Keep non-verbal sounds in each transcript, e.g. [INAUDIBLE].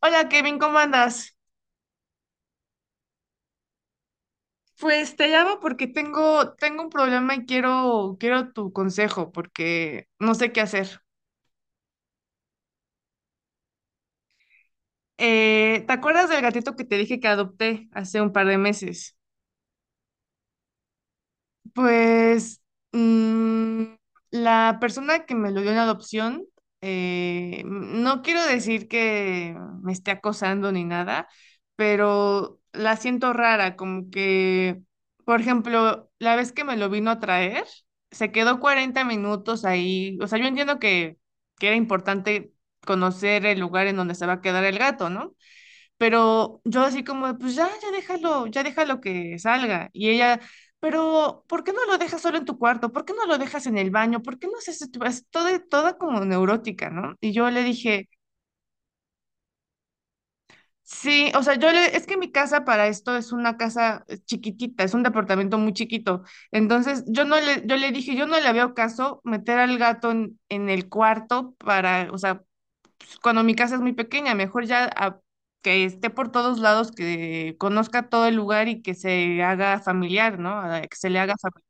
Hola Kevin, ¿cómo andas? Pues te llamo porque tengo un problema y quiero tu consejo porque no sé qué hacer. ¿Te acuerdas del gatito que te dije que adopté hace un par de meses? Pues mm, la persona que me lo dio en adopción, no quiero decir que me esté acosando ni nada, pero la siento rara, como que, por ejemplo, la vez que me lo vino a traer, se quedó 40 minutos ahí. O sea, yo entiendo que era importante conocer el lugar en donde se va a quedar el gato, ¿no? Pero yo así como, de, pues ya déjalo, ya déjalo que salga. Y ella, pero ¿por qué no lo dejas solo en tu cuarto? ¿Por qué no lo dejas en el baño? ¿Por qué no haces esto? Es toda como neurótica, ¿no? Y yo le dije, sí, o sea, yo le, es que mi casa para esto es una casa chiquitita, es un departamento muy chiquito. Entonces yo no le veo caso meter al gato en, el cuarto para, o sea, pues, cuando mi casa es muy pequeña, mejor ya que esté por todos lados, que conozca todo el lugar y que se haga familiar, ¿no? Que se le haga familiar.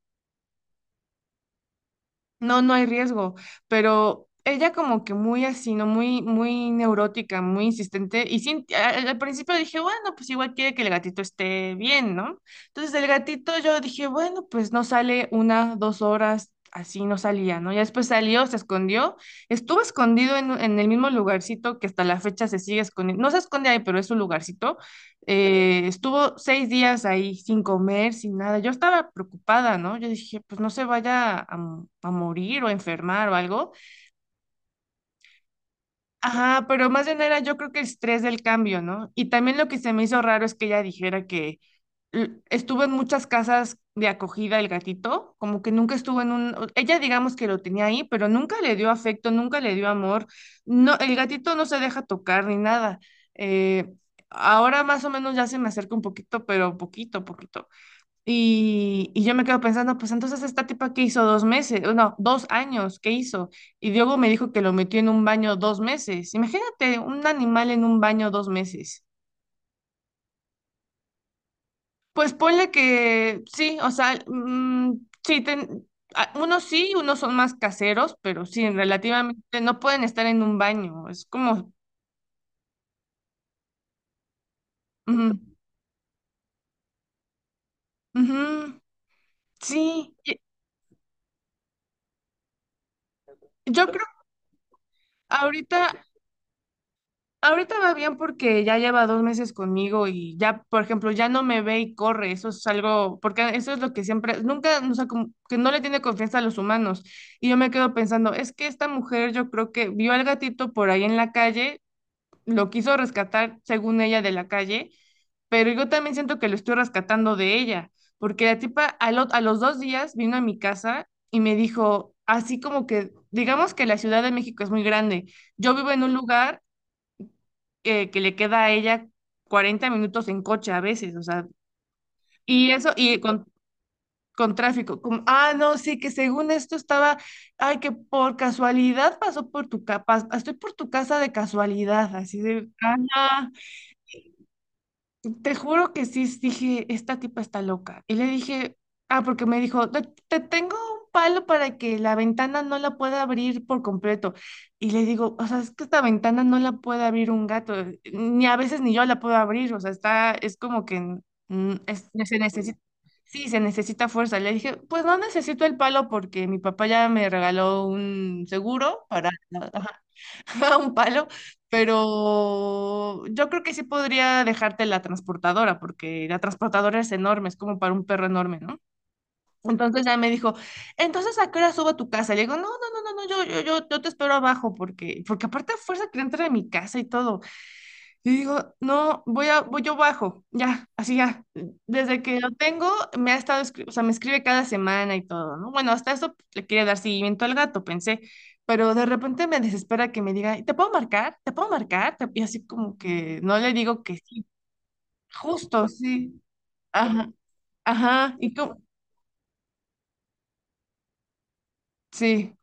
No, no hay riesgo, pero ella como que muy así, ¿no? Muy, muy neurótica, muy insistente. Y sí, al principio dije, bueno, pues igual quiere que el gatito esté bien, ¿no? Entonces el gatito yo dije, bueno, pues no sale una, 2 horas, así no salía, ¿no? Ya después salió, se escondió, estuvo escondido en el mismo lugarcito que hasta la fecha se sigue escondiendo. No se esconde ahí, pero es un lugarcito. Estuvo 6 días ahí sin comer, sin nada. Yo estaba preocupada, ¿no? Yo dije, pues no se vaya a morir o a enfermar o algo. Ajá, pero más bien era, yo creo que el estrés del cambio, ¿no? Y también lo que se me hizo raro es que ella dijera que estuvo en muchas casas de acogida el gatito, como que nunca estuvo en un, ella digamos que lo tenía ahí, pero nunca le dio afecto, nunca le dio amor. No, el gatito no se deja tocar ni nada. Eh, Ahora más o menos ya se me acerca un poquito, pero poquito, poquito. Y yo me quedo pensando, pues entonces esta tipa que hizo 2 meses, o no, 2 años, ¿qué hizo? Y Diogo me dijo que lo metió en un baño 2 meses. Imagínate un animal en un baño 2 meses. Pues ponle que sí, o sea, sí, unos sí, unos son más caseros, pero sí, relativamente no pueden estar en un baño, es como, ujú, ujú, sí, yo creo que ahorita, ahorita va bien porque ya lleva 2 meses conmigo y ya, por ejemplo, ya no me ve y corre, eso es algo, porque eso es lo que siempre, nunca, o sea, como que no le tiene confianza a los humanos. Y yo me quedo pensando, es que esta mujer, yo creo que vio al gatito por ahí en la calle, lo quiso rescatar, según ella, de la calle, pero yo también siento que lo estoy rescatando de ella, porque la tipa a los 2 días vino a mi casa y me dijo, así como que, digamos que la Ciudad de México es muy grande, yo vivo en un lugar que le queda a ella 40 minutos en coche a veces, o sea, y eso, y con tráfico, como, ah, no, sí, que según esto estaba, ay, que por casualidad pasó por tu casa, estoy por tu casa de casualidad, así de, ajá. Te juro que sí dije, esta tipa está loca. Y le dije, ah, porque me dijo, te tengo un palo para que la ventana no la pueda abrir por completo. Y le digo, o sea, es que esta ventana no la puede abrir un gato, ni a veces ni yo la puedo abrir, o sea, está, es como que se necesita, sí, se necesita fuerza. Le dije, pues no necesito el palo porque mi papá ya me regaló un seguro para. [LAUGHS] Ajá, [LAUGHS] un palo. Pero yo creo que sí podría dejarte la transportadora, porque la transportadora es enorme, es como para un perro enorme, ¿no? Entonces ya me dijo, entonces ¿a qué hora subo a tu casa? Le digo, no, no, no, no, no, yo te espero abajo, porque aparte a fuerza que entrar a mi casa y todo. Y digo, no, voy yo bajo, ya, así ya. Desde que lo tengo, me ha estado, o sea, me escribe cada semana y todo, ¿no? Bueno, hasta eso, le quería dar seguimiento al gato, pensé, pero de repente me desespera que me diga, ¿te puedo marcar? ¿Te puedo marcar? Y así como que no le digo que sí, justo, sí, ajá, ajá, y como, sí.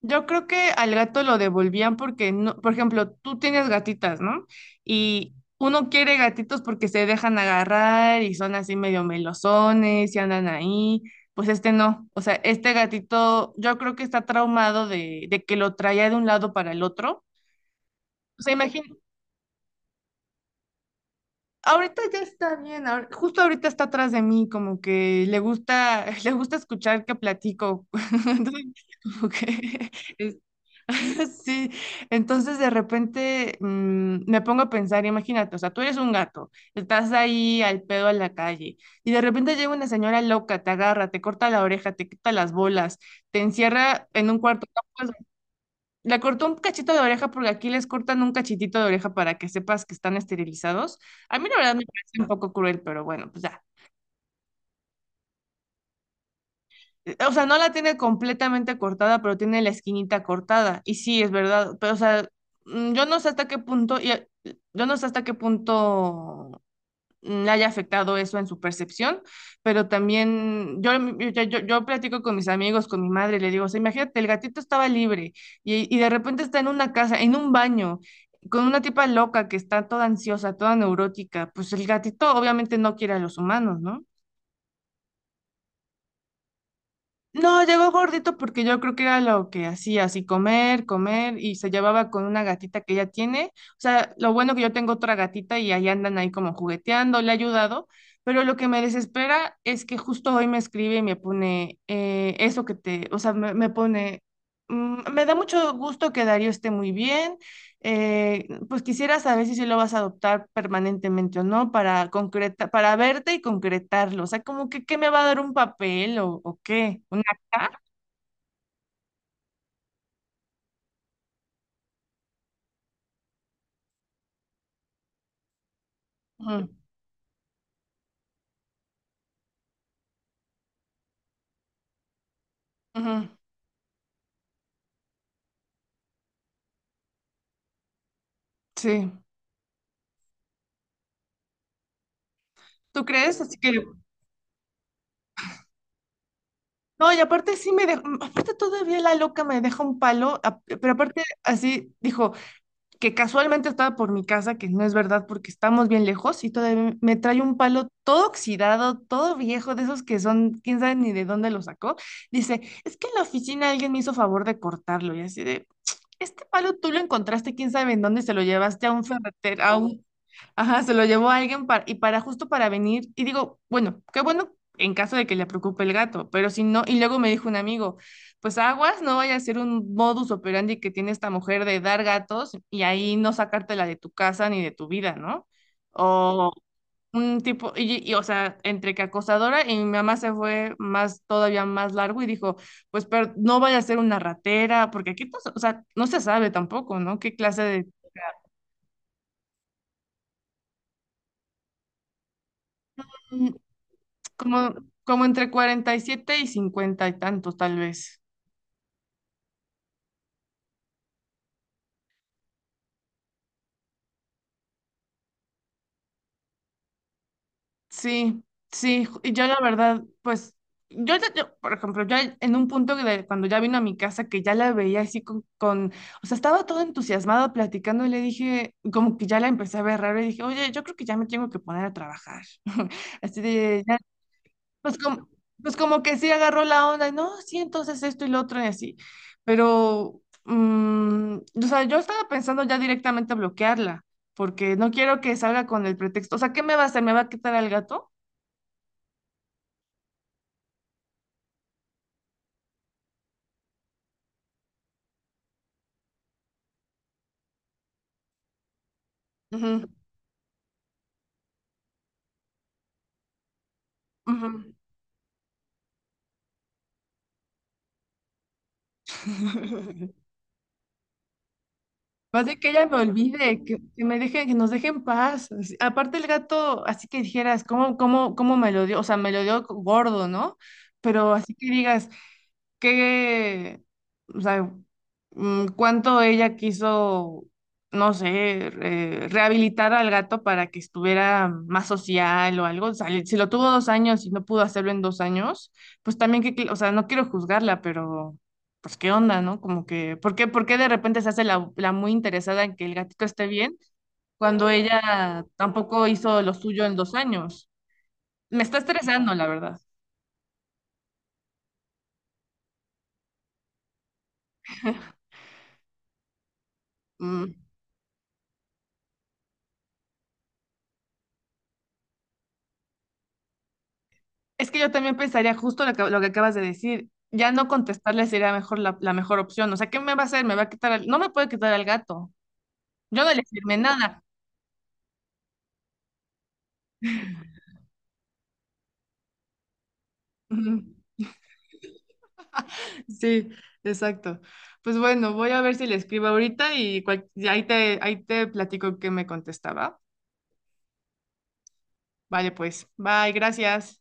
Yo creo que al gato lo devolvían porque no, por ejemplo, tú tienes gatitas, ¿no? Y uno quiere gatitos porque se dejan agarrar y son así medio melosones y andan ahí. Pues este no. O sea, este gatito yo creo que está traumado de que lo traía de un lado para el otro. O sea, imagínate. Ahorita ya está bien, justo ahorita está atrás de mí, como que le gusta, [LAUGHS] le gusta escuchar que platico. [LAUGHS] Entonces, como que es- [LAUGHS] sí, entonces de repente me pongo a pensar, imagínate, o sea, tú eres un gato, estás ahí al pedo en la calle y de repente llega una señora loca, te agarra, te corta la oreja, te quita las bolas, te encierra en un cuarto. Le cortó un cachito de oreja porque aquí les cortan un cachitito de oreja para que sepas que están esterilizados. A mí la verdad me parece un poco cruel, pero bueno, pues ya. O sea, no la tiene completamente cortada, pero tiene la esquinita cortada. Y sí, es verdad. Pero, o sea, mm, yo no sé hasta qué punto, y, eh, yo no sé hasta qué punto le haya afectado eso en su percepción, pero también yo, mm, yo platico con mis amigos, con mi madre, y le digo, o sea, imagínate, el gatito estaba libre y de repente está en una casa, en un baño, con una tipa loca que está toda ansiosa, toda neurótica, pues el gatito obviamente no quiere a los humanos, ¿no? No, llegó gordito porque yo creo que era lo que hacía, así comer, comer, y se llevaba con una gatita que ella tiene. O sea, lo bueno que yo tengo otra gatita y ahí andan ahí como jugueteando, le he ayudado, pero lo que me desespera es que justo hoy me escribe y me pone eso que te, o sea, me pone, me da mucho gusto que Darío esté muy bien, pues quisiera saber si sí lo vas a adoptar permanentemente o no para concreta, para verte y concretarlo. O sea, como que, ¿qué me va a dar un papel o qué? ¿Ah? Ujú, ujú. Sí, ¿tú crees? Así que, no, y aparte sí me dejó, aparte todavía la loca me deja un palo, pero aparte así dijo que casualmente estaba por mi casa, que no es verdad porque estamos bien lejos, y todavía me trae un palo todo oxidado, todo viejo, de esos que son, quién sabe ni de dónde lo sacó. Dice, es que en la oficina alguien me hizo favor de cortarlo, y así de, este palo tú lo encontraste, quién sabe en dónde, se lo llevaste a un ferretero, a un. Ajá, se lo llevó a alguien para justo para venir. Y digo, bueno, qué bueno en caso de que le preocupe el gato, pero si no, y luego me dijo un amigo, pues aguas, no vaya a ser un modus operandi que tiene esta mujer de dar gatos y ahí no sacártela de tu casa ni de tu vida, ¿no? O un tipo, o sea, entre que acosadora y mi mamá se fue más, todavía más largo y dijo, pues pero no vaya a ser una ratera, porque aquí, pues, o sea, no se sabe tampoco, ¿no? ¿Qué clase de... Como, como entre 40 y 50 y 50 y tantos, tal vez. Sí, sí, y yo la verdad, pues, yo, yo, por ejemplo, yo en un punto de, cuando ya vino a mi casa, que ya la veía así con, o sea, estaba todo entusiasmado platicando y le dije, como que ya la empecé a ver raro y dije, oye, yo creo que ya me tengo que poner a trabajar. [LAUGHS] Así de, Pues como, pues como que sí agarró la onda, y no, sí, entonces esto y lo otro y así. Pero, o sea, yo estaba pensando ya directamente bloquearla, porque no quiero que salga con el pretexto. O sea, ¿qué me va a hacer? ¿Me va a quitar al gato? Ujú, ujú. [LAUGHS] Más de que ella me olvide, que me deje, que nos deje en paz. Aparte el gato, así que dijeras, ¿cómo me lo dio? O sea, me lo dio gordo, ¿no? Pero así que digas, que, o sea, cuánto ella quiso, no sé, rehabilitar al gato para que estuviera más social o algo. O sea, si lo tuvo 2 años y no pudo hacerlo en 2 años, pues también que, o sea, no quiero juzgarla, pero pues qué onda, ¿no? Como que, ¿por qué de repente se hace la muy interesada en que el gatito esté bien cuando ella tampoco hizo lo suyo en 2 años? Me está estresando, la verdad. Mm. Es que yo también pensaría justo lo que acabas de decir. Ya no contestarle sería mejor la mejor opción. O sea, ¿qué me va a hacer? Me va a quitar no me puede quitar al gato. Yo no le firmé nada. [LAUGHS] Ujú. Sí, exacto. Pues bueno, voy a ver si le escribo ahorita y ahí te platico qué me contestaba. Vale, pues. Bye, gracias.